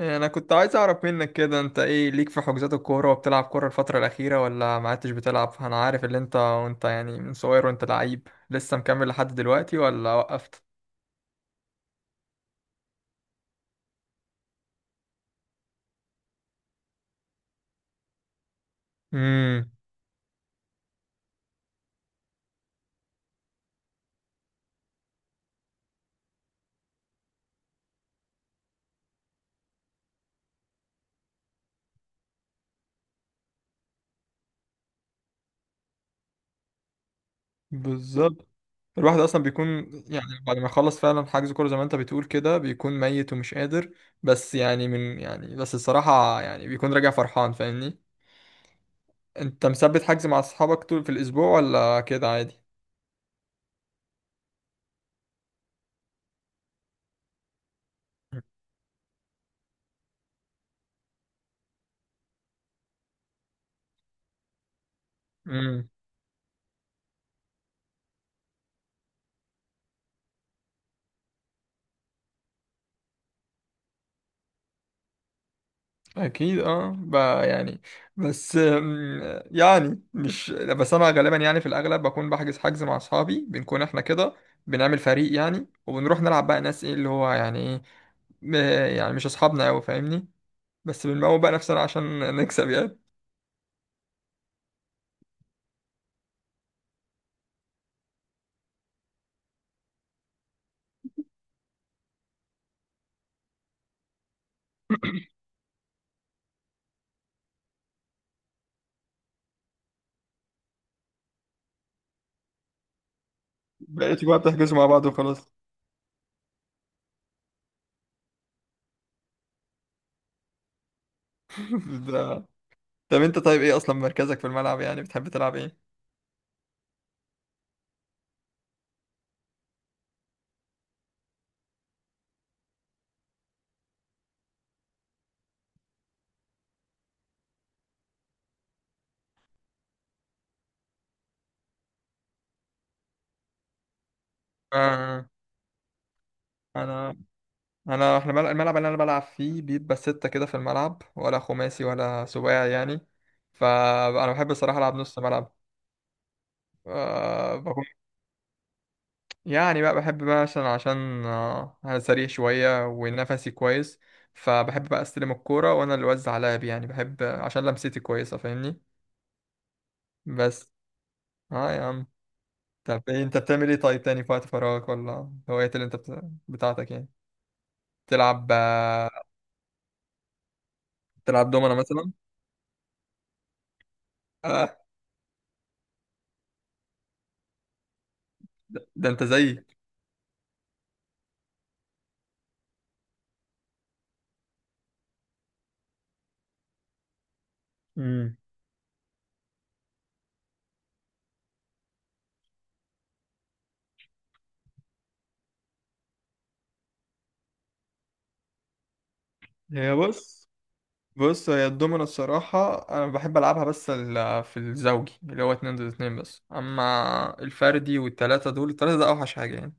انا كنت عايز اعرف منك كده، انت ايه ليك في حجوزات الكوره؟ وبتلعب كوره الفتره الاخيره ولا ما عدتش بتلعب؟ انا عارف ان انت وانت يعني من صغير وانت لعيب، لسه مكمل لحد دلوقتي ولا وقفت؟ امم بالظبط. الواحد اصلا بيكون يعني بعد ما يخلص فعلا حجز كوره زي ما انت بتقول كده بيكون ميت ومش قادر، بس يعني من يعني بس الصراحه يعني بيكون راجع فرحان، فاهمني؟ انت مثبت حجز مع اصحابك طول في الاسبوع ولا كده؟ عادي. اكيد اه بقى يعني. بس يعني مش بس انا، غالبا يعني في الاغلب بكون بحجز مع اصحابي، بنكون احنا كده بنعمل فريق يعني، وبنروح نلعب بقى ناس ايه اللي هو يعني ايه، م- يعني مش اصحابنا قوي، فاهمني؟ بس بنموت بقى نفسنا عشان نكسب يعني. بقيتوا بقى بتحجزوا مع بعض وخلاص. ده طب انت طيب ايه اصلا مركزك في الملعب يعني؟ بتحب تلعب ايه؟ آه، انا انا احنا الملعب اللي انا بلعب فيه بيبقى ستة كده في الملعب، ولا خماسي ولا سباعي يعني. فانا بحب الصراحة العب نص ملعب. أه بكون يعني بقى بحب بقى عشان انا سريع شوية ونفسي كويس، فبحب بقى استلم الكورة وانا اللي اوزع لعب يعني، بحب عشان لمستي كويسة، فاهمني؟ بس اه يا عم. طب إيه انت بتعمل ايه طيب تاني في وقت فراغك ولا هوايات اللي انت بتاعتك يعني؟ تلعب تلعب دومنا مثلا؟ آه، ده انت زيي. هي بص بص، هي الدومينو الصراحة أنا بحب ألعبها، بس في الزوجي اللي هو اتنين ضد اتنين، بس أما الفردي والتلاتة دول، التلاتة ده أوحش حاجة يعني.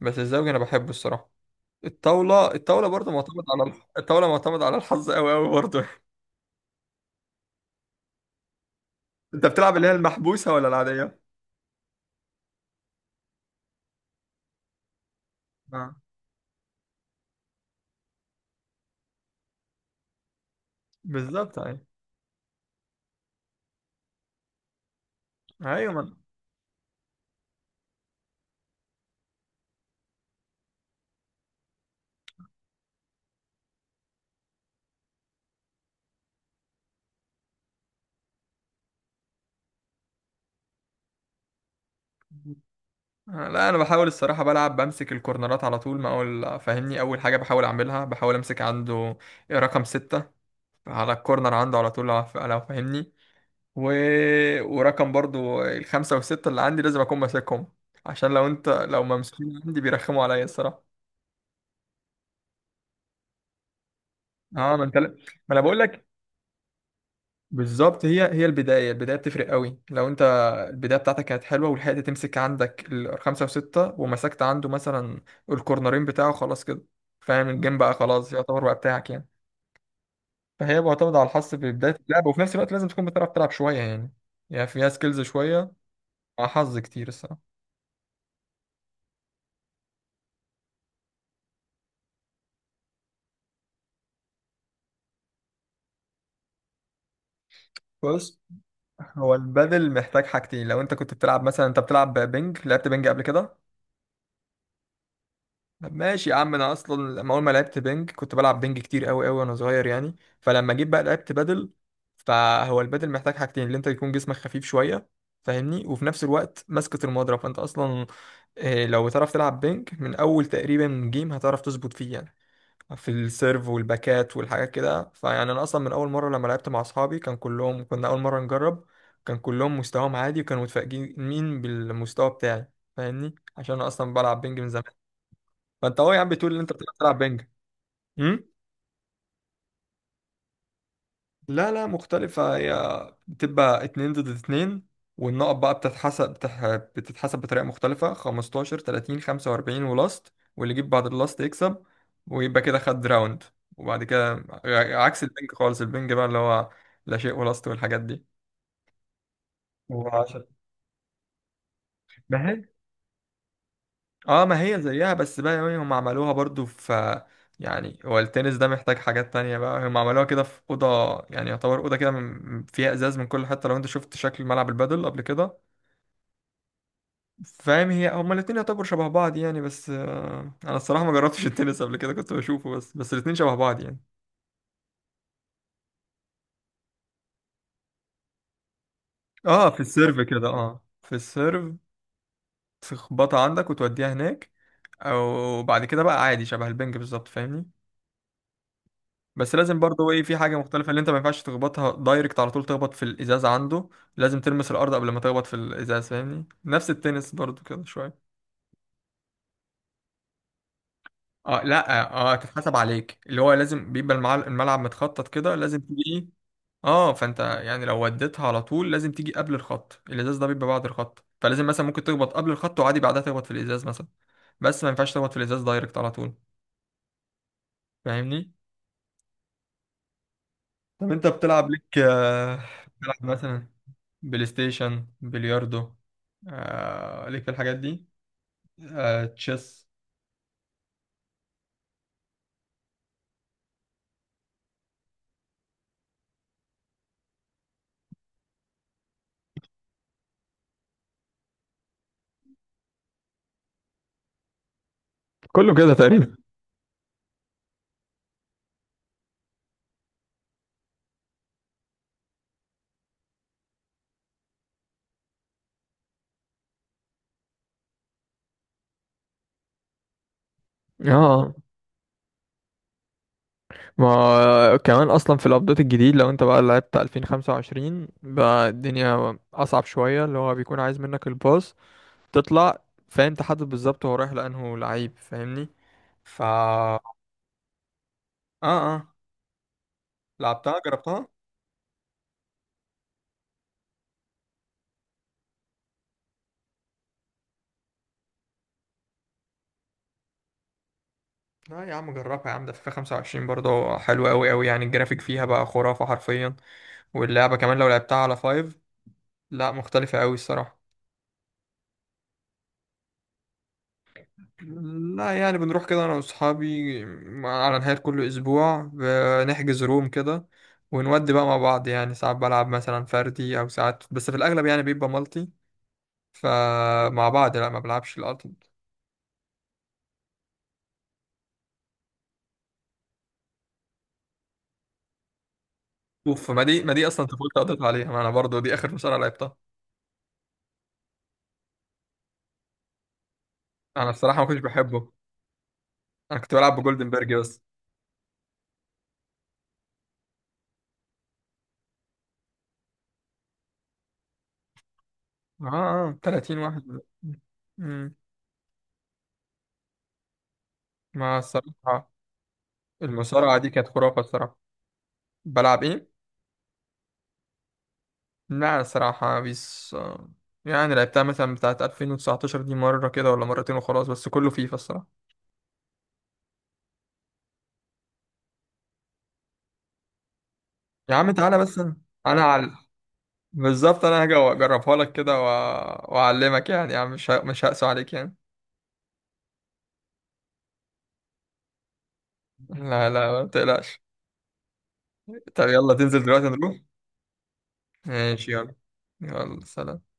بس الزوجي أنا بحبه الصراحة. الطاولة برضه معتمد على الطاولة معتمد على الحظ أوي أوي برضه. أنت بتلعب اللي هي المحبوسة ولا العادية؟ آه. بالظبط أيوة. أيوة من. لا، أنا بحاول الصراحة بلعب بمسك الكورنرات على طول، ما أقول فاهمني، أول حاجة بحاول أعملها بحاول أمسك عنده رقم ستة على الكورنر عنده على طول، لو فاهمني. و... ورقم برضو الخمسة والستة اللي عندي لازم أكون ماسكهم، عشان لو أنت لو ممسوكين عندي بيرخموا عليا الصراحة. أه، ما أنت لا- ما أنا بقول لك بالظبط. هي البداية، البداية بتفرق قوي. لو أنت البداية بتاعتك كانت حلوة ولحقت تمسك عندك الخمسة وستة ومسكت عنده مثلا الكورنرين بتاعه خلاص كده، فاهم؟ الجيم بقى خلاص يعتبر بقى بتاعك يعني. فهي معتمدة على الحظ في بداية اللعبة وفي نفس الوقت لازم تكون بتعرف تلعب شوية يعني، يعني فيها سكيلز شوية مع حظ كتير الصراحة. بس هو البادل محتاج حاجتين. لو انت كنت بتلعب مثلا، انت بتلعب بينج؟ لعبت بينج قبل كده؟ طب ماشي يا عم، انا اصلا لما اول ما لعبت بينج كنت بلعب بينج كتير قوي قوي وانا صغير يعني، فلما جيت بقى لعبت بادل. فهو البادل محتاج حاجتين، اللي انت يكون جسمك خفيف شويه فاهمني، وفي نفس الوقت مسكة المضرب. فانت اصلا اه، لو بتعرف تلعب بينج من اول تقريبا جيم هتعرف تظبط فيه يعني، في السيرف والباكات والحاجات كده. فيعني انا اصلا من اول مره لما لعبت مع اصحابي كان كلهم كنا اول مره نجرب، كان كلهم مستواهم عادي وكانوا متفاجئين مين بالمستوى بتاعي، فاهمني؟ عشان انا اصلا بلعب بينج من زمان. فانت اهو يا عم بتقول ان انت بتلعب بينج. إمم؟ لا لا، مختلفة هي، بتبقى اتنين ضد اتنين، والنقط بقى بتتحسب بتح... بتتحسب بطريقة مختلفة، 15 30 45 ولاست، واللي يجيب بعد اللاست يكسب ويبقى كده خد راوند. وبعد كده عكس البنج خالص. البنج بقى اللي هو لا شيء ولاست والحاجات دي. وعشان ما هي، اه ما هي زيها بس بقى يعني، هم عملوها برضو في، يعني هو التنس ده محتاج حاجات تانية بقى، هم عملوها كده في أوضة يعني، يعتبر أوضة كده فيها إزاز من كل حتة. لو أنت شفت شكل ملعب البادل قبل كده فاهم، هي هما الاتنين يعتبروا شبه بعض يعني. بس آه، انا الصراحه ما جربتش التنس قبل كده، كنت بشوفه بس، بس الاتنين شبه بعض يعني. اه في السيرف كده، اه في السيرف تخبطها عندك وتوديها هناك. او بعد كده بقى عادي شبه البنج بالظبط فاهمني. بس لازم برضه ايه في حاجه مختلفه، اللي انت ما ينفعش تخبطها دايركت على طول تخبط في الازاز عنده، لازم تلمس الارض قبل ما تخبط في الازاز، فاهمني؟ نفس التنس برضه كده شويه. اه لا، اه تتحسب عليك. اللي هو لازم بيبقى الملعب متخطط كده، لازم تيجي اه. فانت يعني لو وديتها على طول لازم تيجي قبل الخط، الازاز ده بيبقى بعد الخط، فلازم مثلا ممكن تخبط قبل الخط وعادي بعدها تخبط في الازاز مثلا، بس ما ينفعش تخبط في الازاز دايركت على طول، فاهمني؟ طب انت بتلعب ليك بتلعب مثلا بلاي ستيشن، بلياردو، آه ليك في الحاجات دي؟ آه تشيس؟ كله كده تقريبا. اه ما كمان اصلا في الابديت الجديد لو انت بقى لعبت 2025 بقى الدنيا اصعب شويه، اللي هو بيكون عايز منك الباص تطلع فانت حدد بالظبط هو رايح لانه لعيب فاهمني. فا اه. اه لعبتها جربتها. لا يا عم جربها يا عم، ده فيفا 25 برضه حلوة أوي أوي يعني، الجرافيك فيها بقى خرافة حرفيا، واللعبة كمان لو لعبتها على فايف لا مختلفة أوي الصراحة. لا، يعني بنروح كده أنا وأصحابي على نهاية كل أسبوع، بنحجز روم كده ونودي بقى مع بعض يعني، ساعات بلعب مثلا فردي أو ساعات، بس في الأغلب يعني بيبقى مالتي. فمع بعض لا، ما بلعبش. اوف، ما دي اصلا طفولتي قضيت عليها، ما انا برضو دي اخر مصارعه لعبتها. انا الصراحه ما كنتش بحبه، انا كنت بلعب بجولدنبرج بس. اه اه 30 واحد. امم. ما الصراحه المصارعه دي كانت خرافه الصراحه. بلعب ايه؟ لا الصراحه بيس يعني لعبتها مثلا بتاعه 2019 دي مره كده ولا مرتين وخلاص، بس كله فيفا الصراحه. يا عم تعالى. بس انا على بالظبط. انا هاجي اجربها لك كده واعلمك يعني يا عم، مش مش هقسو عليك يعني. لا لا ما تقلقش. طب يلا تنزل دلوقتي نروح. ماشي يلا. يلا سلام.